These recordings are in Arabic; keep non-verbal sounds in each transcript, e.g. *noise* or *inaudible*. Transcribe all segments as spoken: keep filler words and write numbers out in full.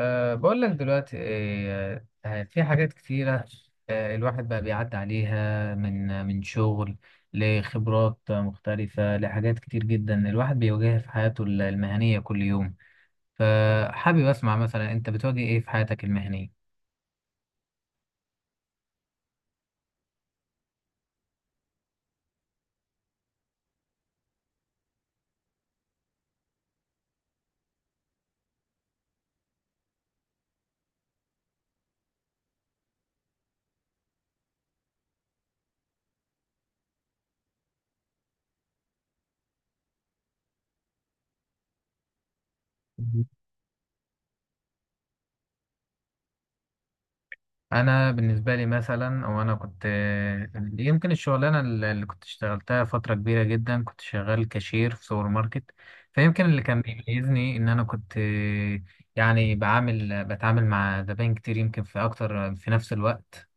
أه بقول لك دلوقتي إيه، أه في حاجات كتيرة. أه الواحد بقى بيعدي عليها من من شغل لخبرات مختلفة، لحاجات كتير جدا الواحد بيواجهها في حياته المهنية كل يوم. فحابب أسمع مثلا، أنت بتواجه إيه في حياتك المهنية؟ انا بالنسبه لي مثلا، او انا كنت يمكن الشغلانه اللي كنت اشتغلتها فتره كبيره جدا، كنت شغال كاشير في سوبر ماركت. فيمكن اللي كان بيميزني ان انا كنت يعني بعامل بتعامل مع زباين كتير يمكن، في اكتر في نفس الوقت.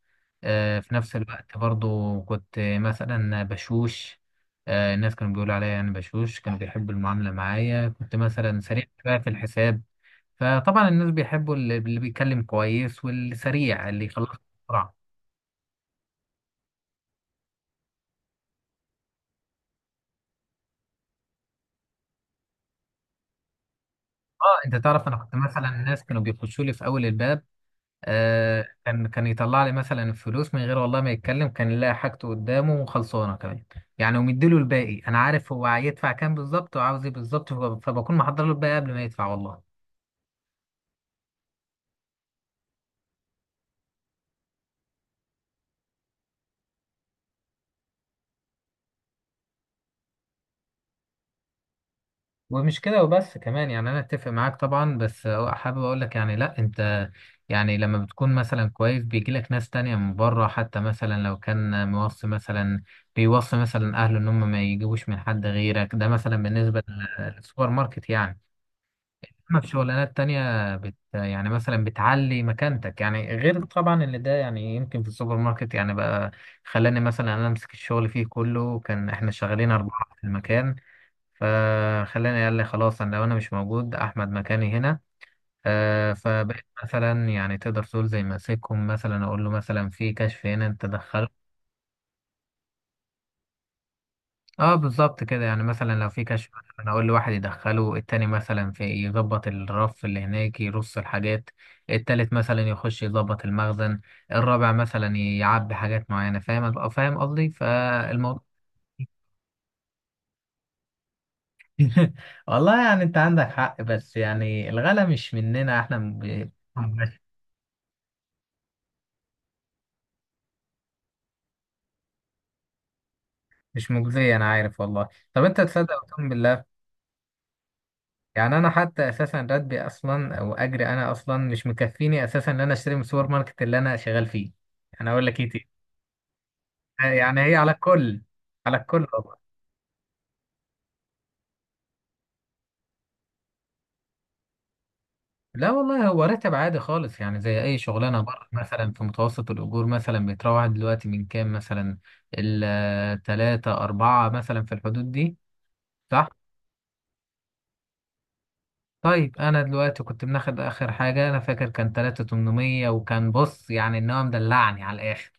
آه، في نفس الوقت برضو كنت مثلا بشوش. آه، الناس كانوا بيقولوا عليا انا بشوش، كانوا بيحبوا المعامله معايا، كنت مثلا سريع شوية في الحساب. فطبعا الناس بيحبوا اللي, اللي بيتكلم كويس، واللي سريع اللي يخلص بسرعة. اه انت تعرف، انا كنت مثلا الناس كانوا بيخشوا لي في اول الباب، آه كان كان يطلع لي مثلا الفلوس من غير والله ما يتكلم، كان يلاقي حاجته قدامه وخلصانه كمان. يعني ومديله الباقي، انا عارف هو هيدفع كام بالظبط وعاوز ايه بالظبط، فب- فبكون محضر له الباقي قبل ما يدفع والله. ومش كده وبس كمان، يعني انا اتفق معاك طبعا، بس هو حابب اقول لك يعني، لا انت يعني لما بتكون مثلا كويس بيجي لك ناس تانية من بره، حتى مثلا لو كان موصي، مثلا بيوصي مثلا اهله ان هم ما يجيبوش من حد غيرك. ده مثلا بالنسبة لل- للسوبر ماركت يعني. اما في شغلانات تانية بت يعني مثلا بتعلي مكانتك، يعني غير طبعا اللي ده. يعني يمكن في السوبر ماركت يعني بقى، خلاني مثلا انا امسك الشغل فيه كله، كان احنا شغالين اربعة في المكان. فخلاني قال لي خلاص، انا لو انا مش موجود احمد مكاني هنا. آه، فبقيت مثلا يعني تقدر تقول زي ماسكهم، مثلا اقول له مثلا في كشف هنا انت دخله. اه بالظبط كده. يعني مثلا لو في كشف، مثلا اقول لواحد يدخله، التاني مثلا في يظبط الرف اللي هناك يرص الحاجات، التالت مثلا يخش يظبط المخزن، الرابع مثلا يعبي حاجات معينة. فاهم فاهم قصدي فالموضوع. *laughs* والله يعني انت عندك حق، بس يعني الغلا مش مننا احنا. مش مجزية، أنا عارف والله. طب أنت تصدق وتؤمن بالله، يعني أنا حتى أساسا راتبي أصلا أو أجري أنا أصلا مش مكفيني أساسا إن أنا أشتري من السوبر ماركت اللي أنا شغال فيه. أنا أقول لك إيه تاني؟ يعني هي على الكل، على الكل والله. لا والله هو راتب عادي خالص، يعني زي أي شغلانة بره. مثلا في متوسط الأجور مثلا بيتراوح دلوقتي من كام؟ مثلا التلاتة أربعة مثلا، في الحدود دي، صح؟ طيب انا دلوقتي كنت بناخد اخر حاجه، انا فاكر كان ثلاثة آلاف وثمانمائة، وكان بص يعني ان هو مدلعني على الاخر.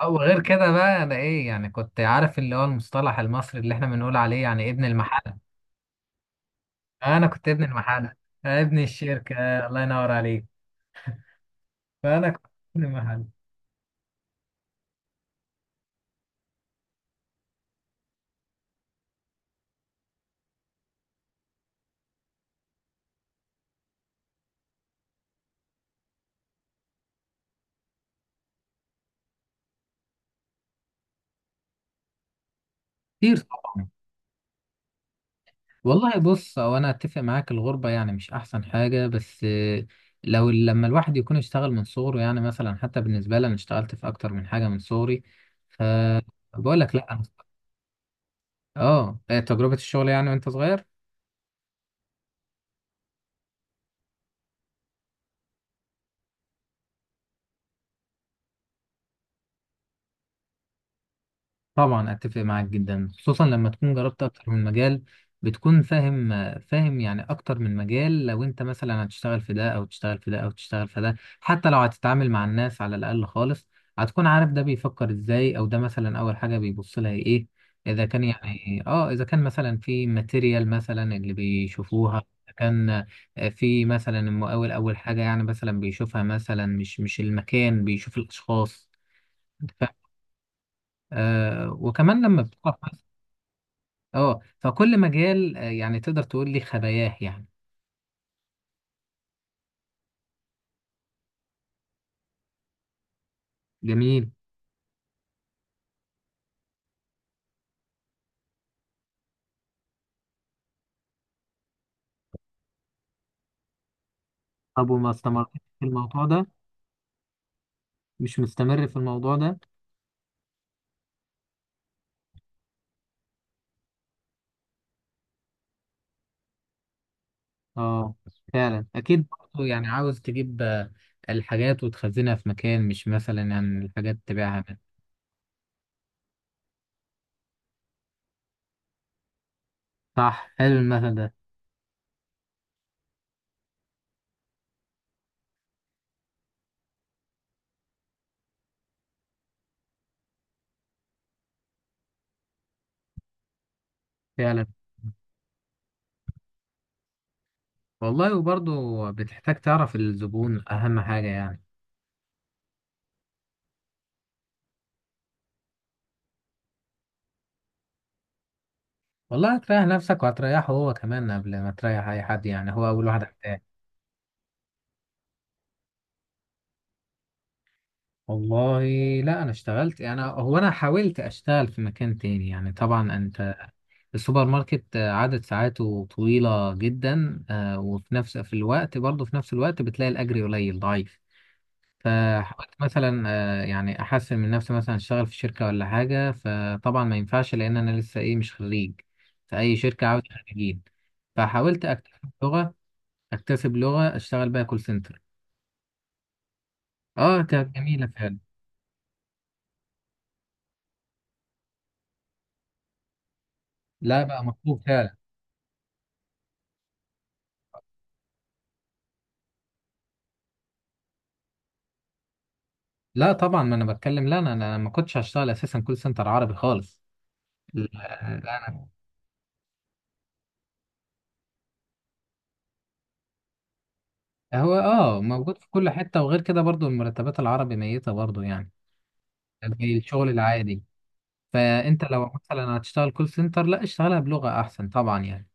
او غير كده بقى انا ايه يعني، كنت عارف اللي هو المصطلح المصري اللي احنا بنقول عليه يعني ابن المحله. انا كنت ابن المحله. أنا ابن الشركه. الله ينور عليك. فانا كنت ابن المحله. كتير طبعا. والله بص، هو انا اتفق معاك، الغربة يعني مش احسن حاجة، بس آه، لو لما الواحد يكون اشتغل من صغره، يعني مثلا حتى بالنسبة لي انا اشتغلت في اكتر من حاجة من صغري. فبقول لك لا أنا- اه، آه، تجربة الشغل يعني وانت صغير. طبعا اتفق معاك جدا، خصوصا لما تكون جربت اكتر من مجال بتكون فاهم. فاهم يعني، اكتر من مجال، لو انت مثلا هتشتغل في ده او تشتغل في ده او تشتغل في ده، حتى لو هتتعامل مع الناس على الاقل خالص، هتكون عارف ده بيفكر ازاي، او ده مثلا اول حاجة بيبص لها ايه. اذا كان يعني اه، اذا كان مثلا في ماتيريال مثلا اللي بيشوفوها. إذا كان في مثلا المقاول، اول حاجة يعني مثلا بيشوفها مثلا، مش مش المكان، بيشوف الاشخاص. أنت فاهم؟ آه وكمان لما بتقف، اه فكل مجال آه، يعني تقدر تقول لي خباياه يعني. جميل. طب وما استمرتش في الموضوع ده؟ مش مستمر في الموضوع ده. اه فعلا اكيد برضه، يعني عاوز تجيب آه، الحاجات وتخزنها في مكان، مش مثلا يعني الحاجات تبيعها من. صح، حلو المثل ده فعلا. والله وبرضه بتحتاج تعرف الزبون، اهم حاجة يعني. والله هتريح نفسك وهتريحه هو كمان، قبل ما تريح اي حد، يعني هو اول واحد. والله لا انا اشتغلت، يعني هو انا حاولت اشتغل في مكان تاني، يعني طبعا انت السوبر ماركت آه، عدد ساعاته طويلة جدا، آه، وفي نفس في الوقت برضه في نفس الوقت بتلاقي الاجر قليل ضعيف. فحاولت مثلا آه، يعني احسن من نفسي مثلا اشتغل في شركة ولا حاجة، فطبعا ما ينفعش لان انا لسه ايه، مش خريج. فاي شركة عاوز خريجين. فحاولت اكتسب لغة، اكتسب لغة اشتغل بيها كول سنتر. اه كانت جميلة فعلا. لا بقى مطلوب فعلا. لا طبعا ما انا بتكلم، لا انا انا ما كنتش هشتغل اساسا كول سنتر عربي خالص. لا، لا. انا هو اه موجود في كل حته، وغير كده برضو المرتبات العربي ميته برضو يعني، زي الشغل العادي. فانت لو مثلا هتشتغل كول سنتر لا اشتغلها بلغه احسن طبعا يعني.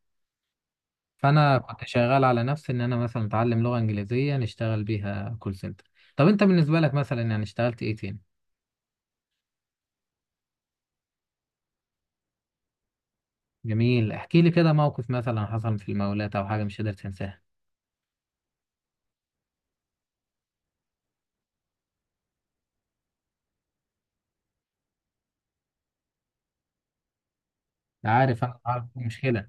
فانا كنت شغال على نفسي ان انا مثلا اتعلم لغه انجليزيه نشتغل بيها كول سنتر. طب انت بالنسبه لك مثلا يعني اشتغلت ايه تاني؟ جميل، احكي لي كده موقف مثلا حصل في المولات او حاجه مش قادر تنساها. عارف، انا عارف مشكله.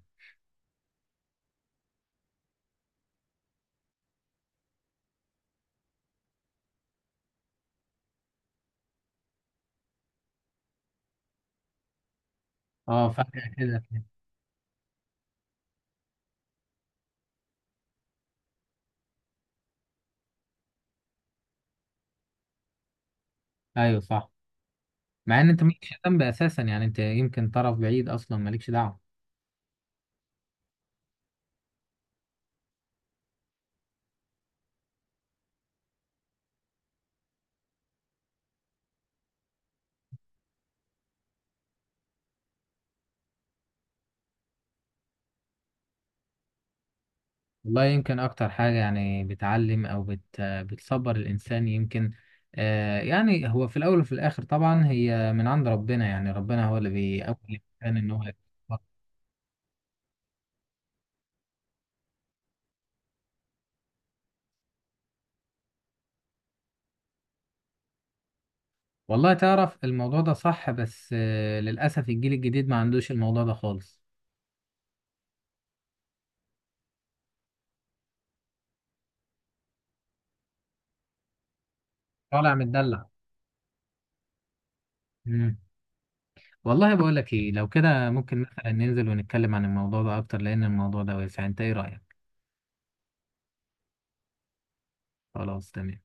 اه فاكر كده. ايوه صح. مع ان انت مالكش ذنب اساسا، يعني انت يمكن طرف بعيد اصلا مالكش دعوه. والله يمكن اكتر حاجه، يعني بتعلم او بت بتصبر الانسان يمكن. آه يعني هو في الاول وفي الاخر طبعا هي من عند ربنا، يعني ربنا هو اللي بيقوي الانسان ان هو يتصبر. والله تعرف الموضوع ده صح، بس آه للاسف الجيل الجديد ما عندوش الموضوع ده خالص. طالع متدلع. مم. والله بقول لك ايه، لو كده ممكن مثلا ننزل ونتكلم عن الموضوع ده اكتر لان الموضوع ده واسع، انت ايه رايك؟ خلاص تمام.